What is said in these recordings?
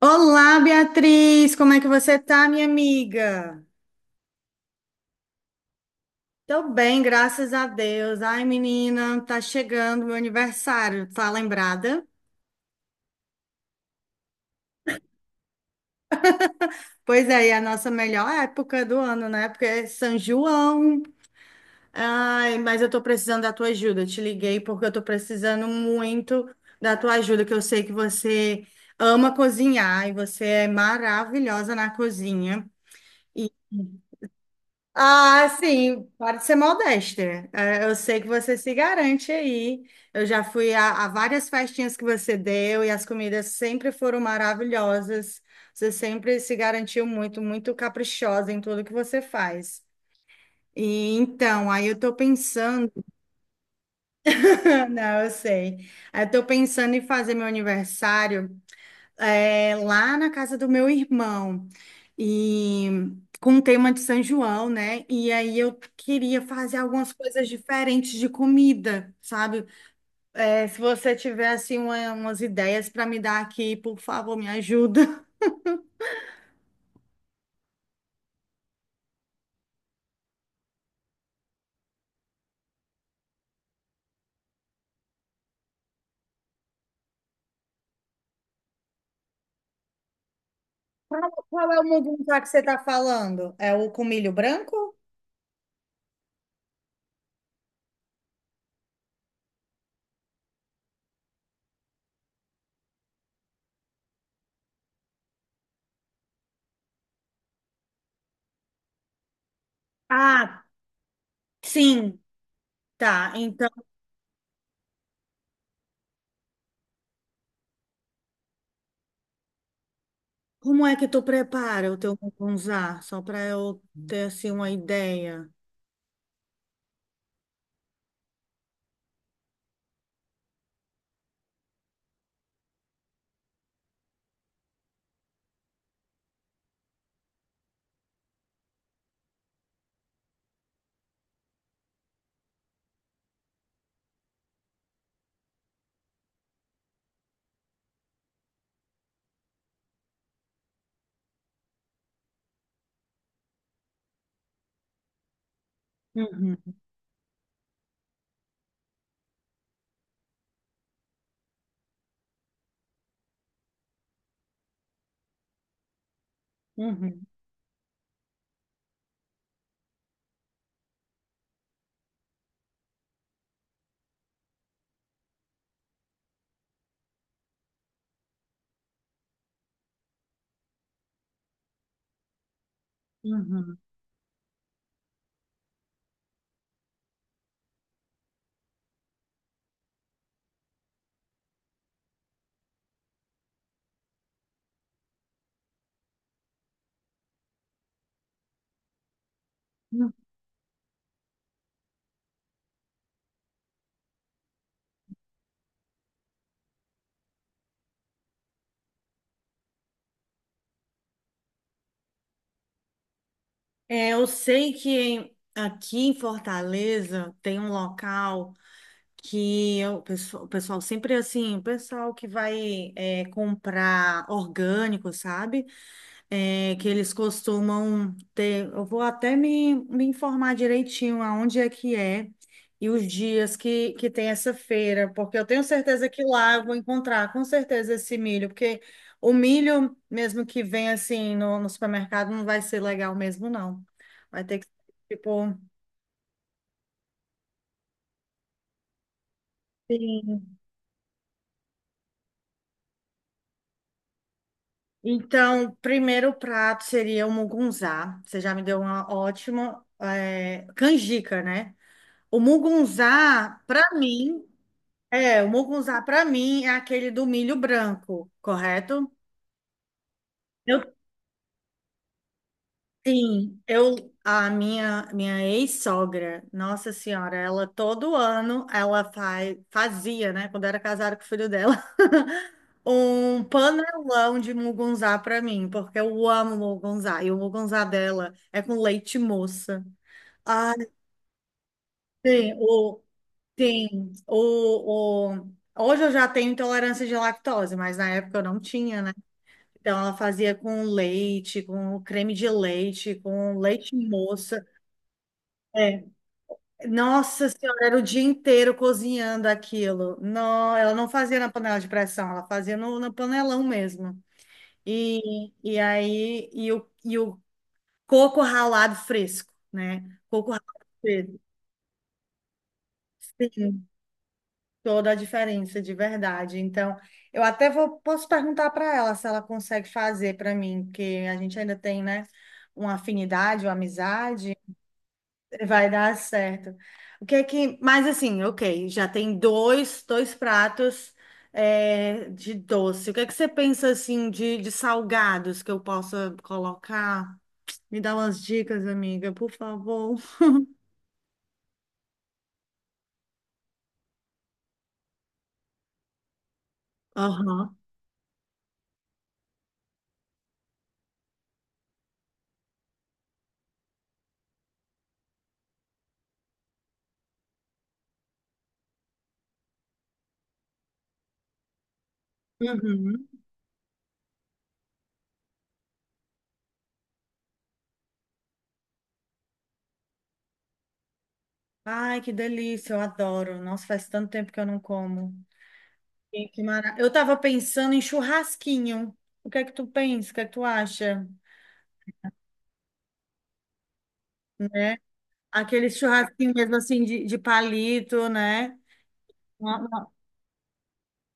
Olá, Beatriz, como é que você tá, minha amiga? Tô bem, graças a Deus. Ai, menina, tá chegando meu aniversário, tá lembrada? Pois é, e é a nossa melhor época do ano, né? Porque é São João. Ai, mas eu tô precisando da tua ajuda. Eu te liguei porque eu tô precisando muito da tua ajuda, que eu sei que você ama cozinhar e você é maravilhosa na cozinha. Ah, sim, pode ser modesta. É, eu sei que você se garante aí. Eu já fui a várias festinhas que você deu e as comidas sempre foram maravilhosas. Você sempre se garantiu muito, muito caprichosa em tudo que você faz. E então, aí eu tô pensando, não, eu sei. Aí eu tô pensando em fazer meu aniversário lá na casa do meu irmão e com o tema de São João, né? E aí eu queria fazer algumas coisas diferentes de comida, sabe? Se você tiver assim umas ideias para me dar aqui, por favor, me ajuda. Qual, qual é o mugunzá que você está falando? É o com milho branco? Ah, sim, tá. Então, como é que tu prepara o teu mugunzá? Só para eu ter assim uma ideia. Uhum, uhum, uhum, uhum. É, eu sei que aqui em Fortaleza tem um local que o pessoal sempre assim, o pessoal que vai é, comprar orgânico, sabe? Que eles costumam ter. Eu vou até me informar direitinho aonde é que é e os dias que tem essa feira, porque eu tenho certeza que lá eu vou encontrar com certeza esse milho, porque o milho, mesmo que venha assim no, no supermercado, não vai ser legal mesmo, não. Vai ter que ser tipo. Sim. Então, primeiro prato seria o mugunzá. Você já me deu uma ótima, é, canjica, né? O mugunzá, para mim, é, o mugunzá para mim é aquele do milho branco, correto? Eu sim, eu a minha ex-sogra, Nossa Senhora, ela todo ano ela fazia, né, quando era casada com o filho dela, um panelão de mugunzá para mim, porque eu amo mugunzá e o mugunzá dela é com leite moça. Ah, tem o tem o hoje eu já tenho intolerância de lactose, mas na época eu não tinha, né? Então, ela fazia com leite, com creme de leite, com leite moça. É. Nossa senhora, era o dia inteiro cozinhando aquilo. Não, ela não fazia na panela de pressão, ela fazia no, no panelão mesmo. E aí, e o coco ralado fresco, né? Coco ralado fresco. Sim, toda a diferença, de verdade. Então, eu até vou, posso perguntar para ela se ela consegue fazer para mim, porque a gente ainda tem, né? Uma afinidade, uma amizade, vai dar certo. O que é que. Mas assim, ok, já tem dois, dois pratos é, de doce. O que é que você pensa assim de salgados que eu possa colocar? Me dá umas dicas, amiga, por favor. Aham. Uhum. Ai, que delícia, eu adoro. Nossa, faz tanto tempo que eu não como. Sim, que mara... Eu tava pensando em churrasquinho. O que é que tu pensa? O que é que tu acha? Né? Aquele churrasquinho mesmo assim de palito, né?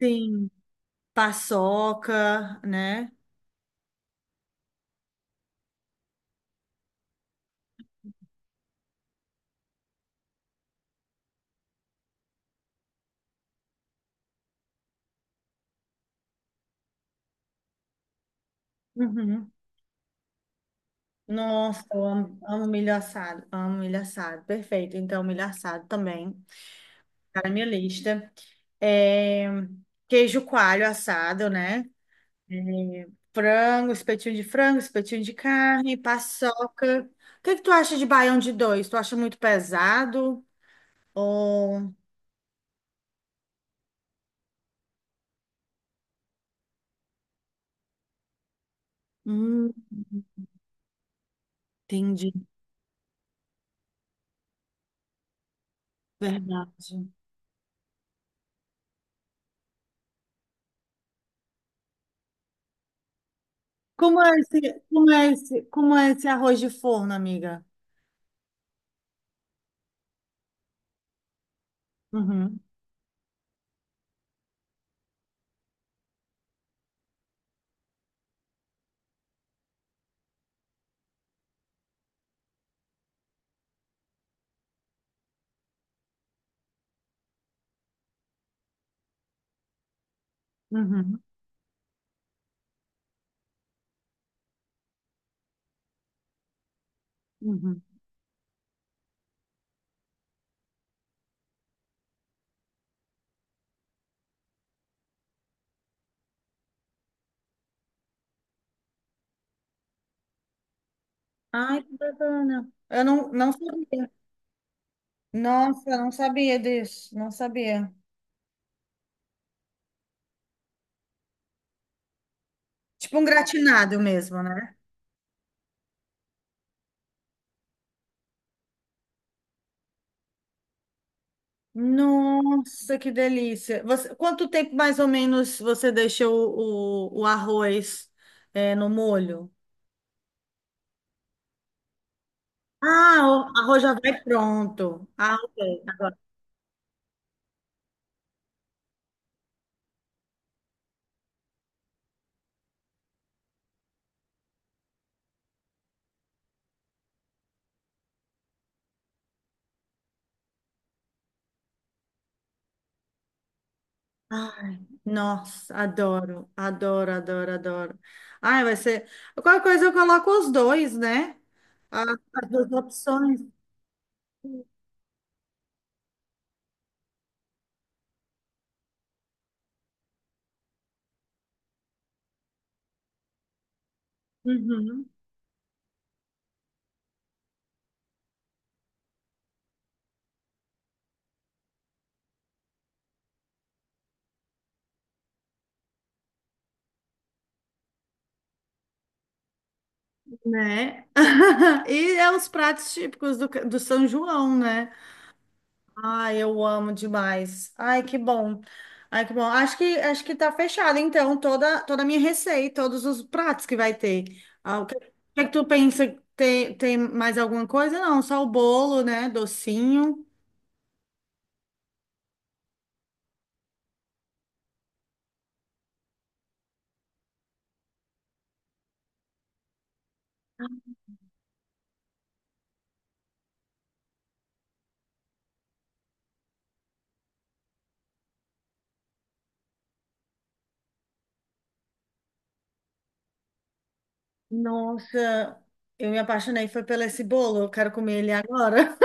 Sim, paçoca, né? Uhum. Nossa, eu amo, amo milho assado, perfeito. Então, milho assado também tá na minha lista. É, queijo coalho assado, né? É, frango, espetinho de carne, paçoca. O que que tu acha de baião de dois? Tu acha muito pesado? Ou... Hum, entendi, verdade. Como é esse, como é esse, como é esse arroz de forno, amiga? Uhum, uhum, uhum. Ai, que bacana. Eu não, não sabia. Nossa, eu não sabia disso. Não sabia. Tipo um gratinado mesmo, né? Nossa, que delícia. Você, quanto tempo mais ou menos você deixa o arroz é, no molho? Ah, o arroz já vai pronto. Ah, ok. Ai, nossa, adoro, adoro, adoro, adoro. Ai, vai ser. Qualquer coisa eu coloco os dois, né? A- as duas opções. Uhum, né? E é os pratos típicos do, do São João, né? Ai, eu amo demais. Ai, que bom. Ai, que bom. Acho que tá fechado, então, toda, toda a minha receita, todos os pratos que vai ter. Ah, o que é que tu pensa? Tem, tem mais alguma coisa? Não, só o bolo, né? Docinho. Nossa, eu me apaixonei, foi pelo esse bolo, eu quero comer ele agora.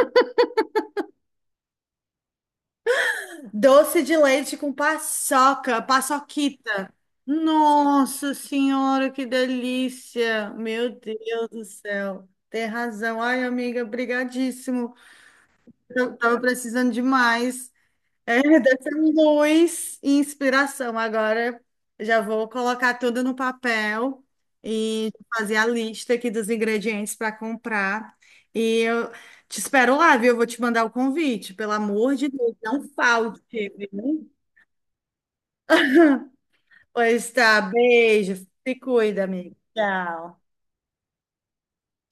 Doce de leite com paçoca, paçoquita. Nossa senhora, que delícia! Meu Deus do céu, tem razão. Ai, amiga, brigadíssimo. Eu tava precisando demais. É, dessa luz e inspiração. Agora já vou colocar tudo no papel e fazer a lista aqui dos ingredientes para comprar. E eu te espero lá, viu? Eu vou te mandar o convite. Pelo amor de Deus, não falte, viu? Pois tá, beijo. Se cuida, amigo. Tchau.